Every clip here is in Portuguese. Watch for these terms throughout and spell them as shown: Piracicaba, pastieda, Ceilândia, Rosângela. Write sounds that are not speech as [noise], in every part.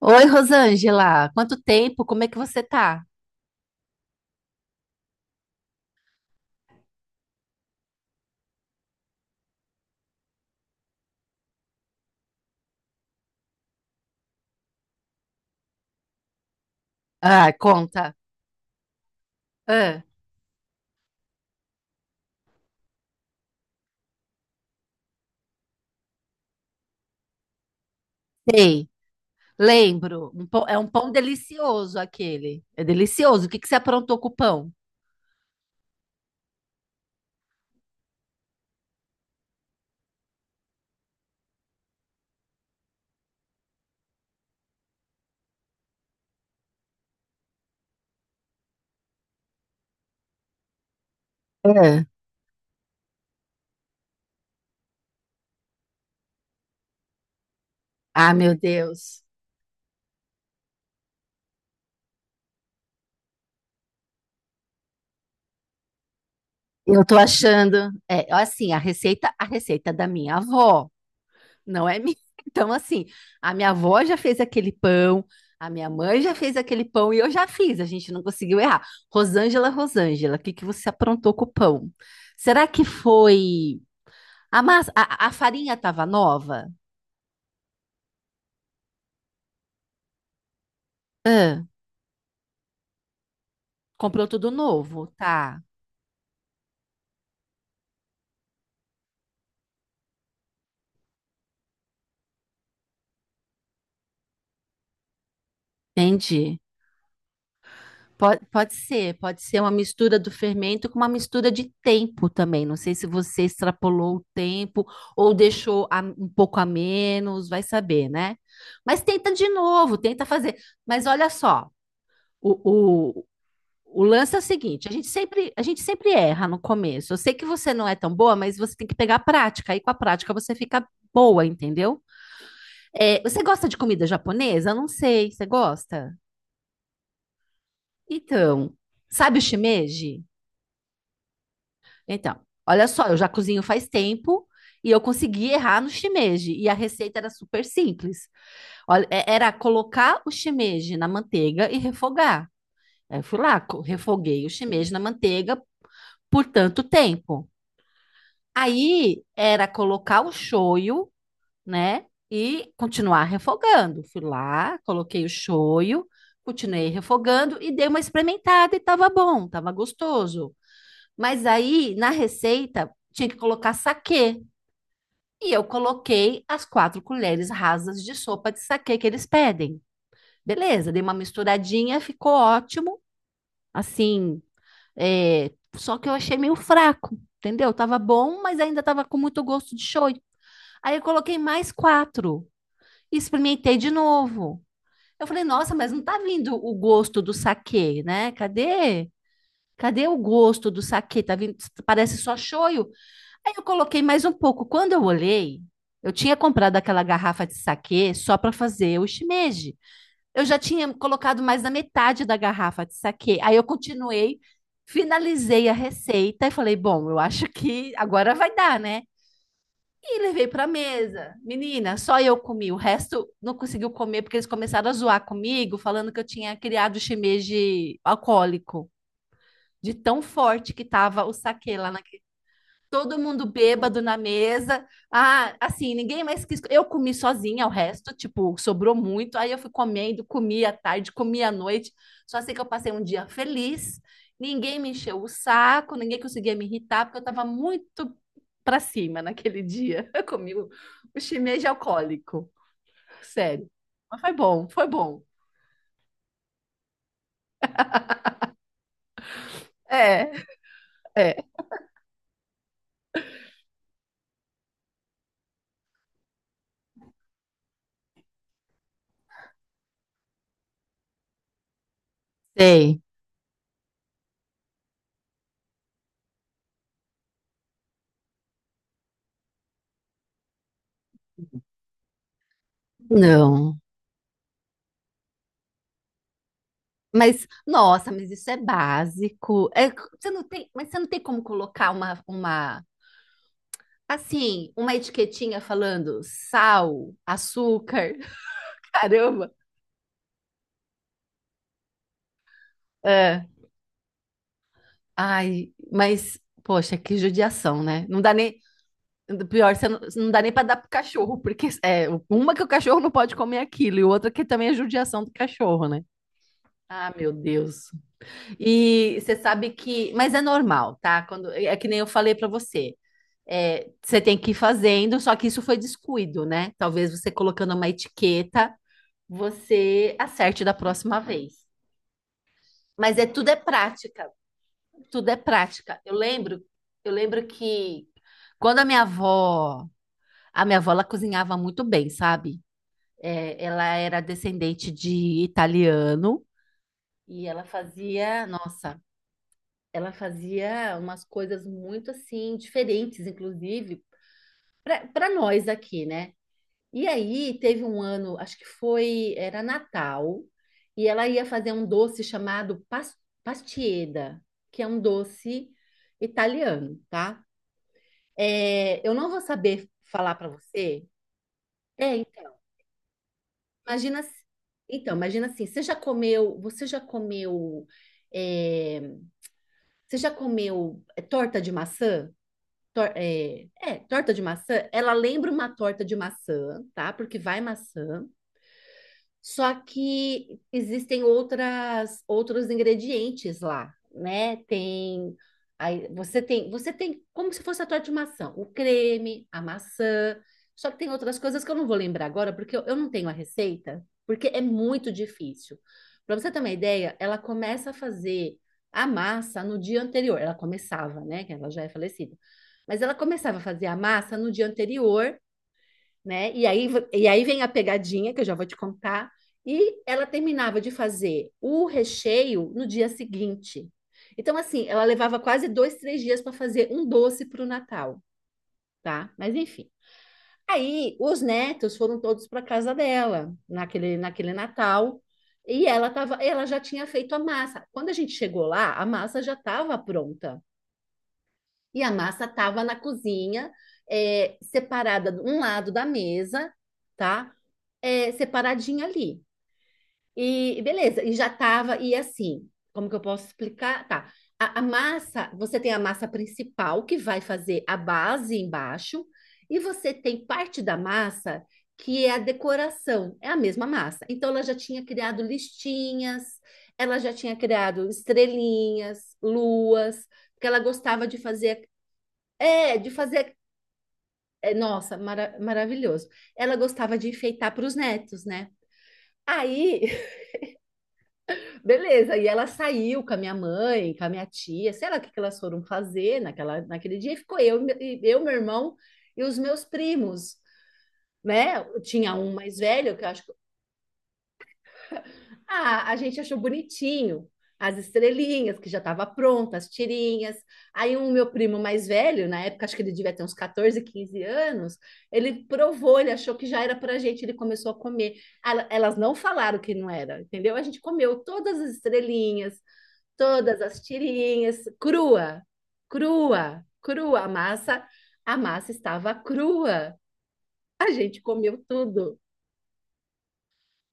Oi, Rosângela, quanto tempo? Como é que você tá? Ah, conta. Ah, sei, lembro. É um pão delicioso aquele. É delicioso. O que que você aprontou com o pão? Ah, Ah, meu Deus. Eu tô achando, assim, a receita é da minha avó, não é minha. [laughs] Então, assim, a minha avó já fez aquele pão, a minha mãe já fez aquele pão e eu já fiz, a gente não conseguiu errar. Rosângela, Rosângela, o que que você aprontou com o pão? Será que foi? A farinha tava nova? Ah, comprou tudo novo, tá? Entendi. Pode ser, pode ser uma mistura do fermento com uma mistura de tempo também. Não sei se você extrapolou o tempo ou deixou um pouco a menos, vai saber, né? Mas tenta de novo, tenta fazer. Mas olha só, o, o, o lance é o seguinte: a gente sempre erra no começo. Eu sei que você não é tão boa, mas você tem que pegar a prática. Aí com a prática você fica boa, entendeu? É, você gosta de comida japonesa? Eu não sei, você gosta? Então, sabe o shimeji? Então, olha só, eu já cozinho faz tempo e eu consegui errar no shimeji e a receita era super simples. Olha, era colocar o shimeji na manteiga e refogar. Aí eu fui lá, refoguei o shimeji na manteiga por tanto tempo. Aí era colocar o shoyu, né? E continuar refogando. Fui lá, coloquei o shoyu, continuei refogando e dei uma experimentada e tava bom, tava gostoso. Mas aí, na receita, tinha que colocar saquê. E eu coloquei as quatro colheres rasas de sopa de saquê que eles pedem. Beleza, dei uma misturadinha, ficou ótimo. Assim, só que eu achei meio fraco, entendeu? Tava bom, mas ainda tava com muito gosto de shoyu. Aí eu coloquei mais quatro e experimentei de novo. Eu falei, nossa, mas não tá vindo o gosto do saquê, né? Cadê? Cadê o gosto do saquê? Tá vindo, parece só shoyu. Aí eu coloquei mais um pouco. Quando eu olhei, eu tinha comprado aquela garrafa de saquê só para fazer o shimeji. Eu já tinha colocado mais da metade da garrafa de saquê. Aí eu continuei, finalizei a receita e falei, bom, eu acho que agora vai dar, né? E levei pra mesa. Menina, só eu comi. O resto não conseguiu comer porque eles começaram a zoar comigo, falando que eu tinha criado shimeji alcoólico, de tão forte que tava o saquê lá na, todo mundo bêbado na mesa. Ah, assim, ninguém mais quis. Eu comi sozinha o resto, tipo, sobrou muito. Aí eu fui comendo, comi à tarde, comi à noite. Só sei que eu passei um dia feliz. Ninguém me encheu o saco, ninguém conseguia me irritar, porque eu tava muito pra cima naquele dia. [laughs] Eu comi o shimeji alcoólico, sério. Mas foi bom, foi bom. É, é. Sei. Não. Mas, nossa, mas isso é básico. É, você não tem, mas você não tem como colocar assim, uma etiquetinha falando sal, açúcar, [laughs] caramba. É, ai, mas, poxa, que judiação, né? Não dá nem, pior, você não dá nem para dar pro cachorro, porque é uma que o cachorro não pode comer é aquilo e outra que também é judiação do cachorro, né? Ah, meu Deus. E você sabe que, mas é normal, tá? Quando é que nem eu falei para você. Você tem que ir fazendo, só que isso foi descuido, né? Talvez você colocando uma etiqueta, você acerte da próxima vez. Mas tudo é prática, tudo é prática. Eu lembro que quando a minha avó, ela cozinhava muito bem, sabe? É, ela era descendente de italiano e ela fazia, nossa, ela fazia umas coisas muito assim diferentes, inclusive para nós aqui, né? E aí teve um ano, acho que foi, era Natal, e ela ia fazer um doce chamado pastieda, que é um doce italiano, tá? É, eu não vou saber falar para você. É, então, imagina, então, imagina assim, é, você já comeu torta de maçã? Torta de maçã, ela lembra uma torta de maçã, tá? Porque vai maçã. Só que existem outras outros ingredientes lá, né? Tem, aí você tem, como se fosse a tua de maçã, o creme, a maçã. Só que tem outras coisas que eu não vou lembrar agora, porque eu não tenho a receita, porque é muito difícil. Para você ter uma ideia, ela começa a fazer a massa no dia anterior. Ela começava, né? Que ela já é falecida. Mas ela começava a fazer a massa no dia anterior, né? E aí, vem a pegadinha, que eu já vou te contar. E ela terminava de fazer o recheio no dia seguinte. Então, assim, ela levava quase dois, três dias para fazer um doce para o Natal, tá? Mas enfim. Aí, os netos foram todos para casa dela naquele Natal. E ela já tinha feito a massa. Quando a gente chegou lá, a massa já estava pronta. E a massa estava na cozinha, separada de um lado da mesa, tá? Separadinha ali. E beleza, e já tava, e assim, como que eu posso explicar? Tá. A massa, você tem a massa principal que vai fazer a base embaixo, e você tem parte da massa que é a decoração, é a mesma massa. Então ela já tinha criado listinhas, ela já tinha criado estrelinhas, luas, porque ela gostava de fazer, é, de fazer, nossa, maravilhoso. Ela gostava de enfeitar para os netos, né? Aí, beleza, e ela saiu com a minha mãe, com a minha tia, sei lá o que que elas foram fazer naquele dia, e ficou eu, meu irmão e os meus primos, né? Tinha um mais velho que eu acho que. Ah, a gente achou bonitinho as estrelinhas, que já estava pronta, as tirinhas. Aí um meu primo mais velho, na época, acho que ele devia ter uns 14, 15 anos, ele provou, ele achou que já era pra gente, ele começou a comer. Elas não falaram que não era, entendeu? A gente comeu todas as estrelinhas, todas as tirinhas, crua, crua, crua. A massa estava crua. A gente comeu tudo.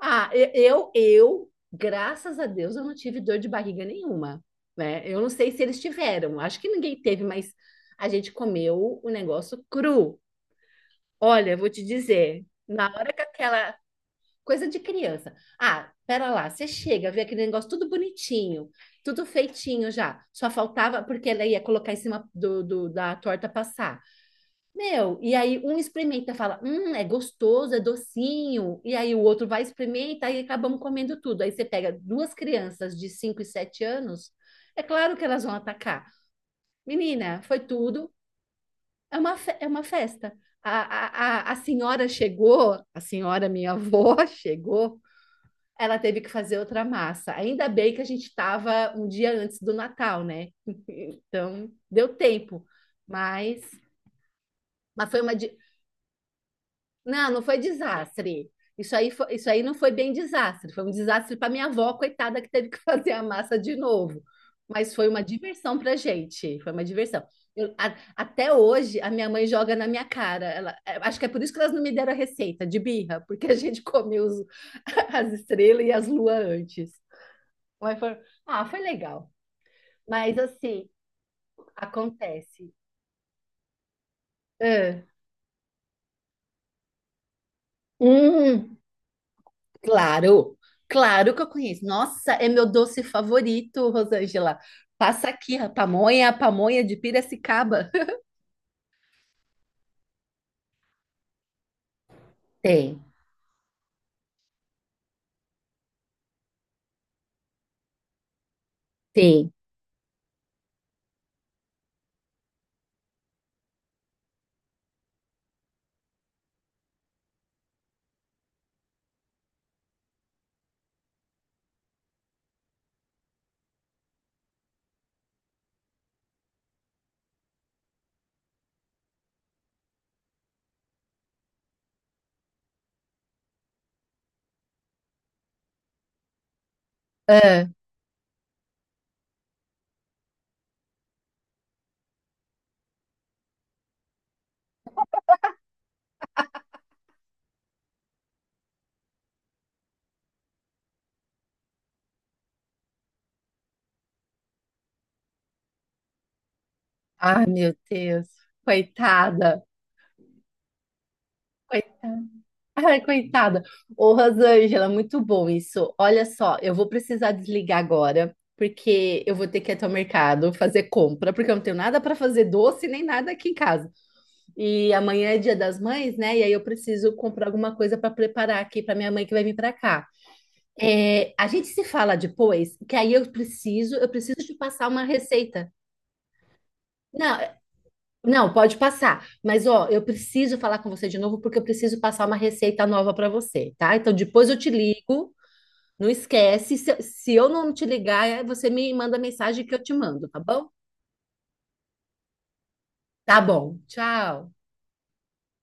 Ah, graças a Deus, eu não tive dor de barriga nenhuma, né? Eu não sei se eles tiveram, acho que ninguém teve, mas a gente comeu o negócio cru. Olha, eu vou te dizer, na hora que aquela coisa de criança. Ah, pera lá, você chega, vê aquele negócio tudo bonitinho, tudo feitinho já. Só faltava porque ela ia colocar em cima da torta passar. Meu, e aí um experimenta, fala, é gostoso, é docinho. E aí o outro vai experimentar e acabamos comendo tudo. Aí você pega duas crianças de 5 e 7 anos, é claro que elas vão atacar. Menina, foi tudo. É uma festa. A senhora chegou, a senhora, minha avó, [laughs] chegou, ela teve que fazer outra massa. Ainda bem que a gente estava um dia antes do Natal, né? [laughs] Então, deu tempo. Mas, mas foi uma... Não, não foi desastre. Isso aí não foi bem desastre. Foi um desastre para minha avó, coitada, que teve que [laughs] fazer a massa de novo. Mas foi uma diversão para gente. Foi uma diversão. Até hoje, a minha mãe joga na minha cara. Ela, acho que é por isso que elas não me deram a receita de birra, porque a gente comeu [laughs] as estrelas e as luas antes. Mas foi, ah, foi legal. Mas assim, acontece. Ah, hum, claro, claro que eu conheço. Nossa, é meu doce favorito, Rosângela. Passa aqui, a pamonha de Piracicaba. Tem, tem. Ah, ai, meu Deus, coitada, coitada. Ai, coitada. Ô, Rosângela, muito bom isso. Olha só, eu vou precisar desligar agora, porque eu vou ter que ir até o mercado fazer compra, porque eu não tenho nada para fazer doce nem nada aqui em casa. E amanhã é Dia das Mães, né? E aí eu preciso comprar alguma coisa para preparar aqui para minha mãe que vai vir para cá. É, a gente se fala depois, que aí eu preciso te passar uma receita. Não, não, pode passar. Mas ó, eu preciso falar com você de novo porque eu preciso passar uma receita nova para você, tá? Então depois eu te ligo. Não esquece. Se eu não te ligar, você me manda mensagem que eu te mando, tá bom? Tá bom. Tchau.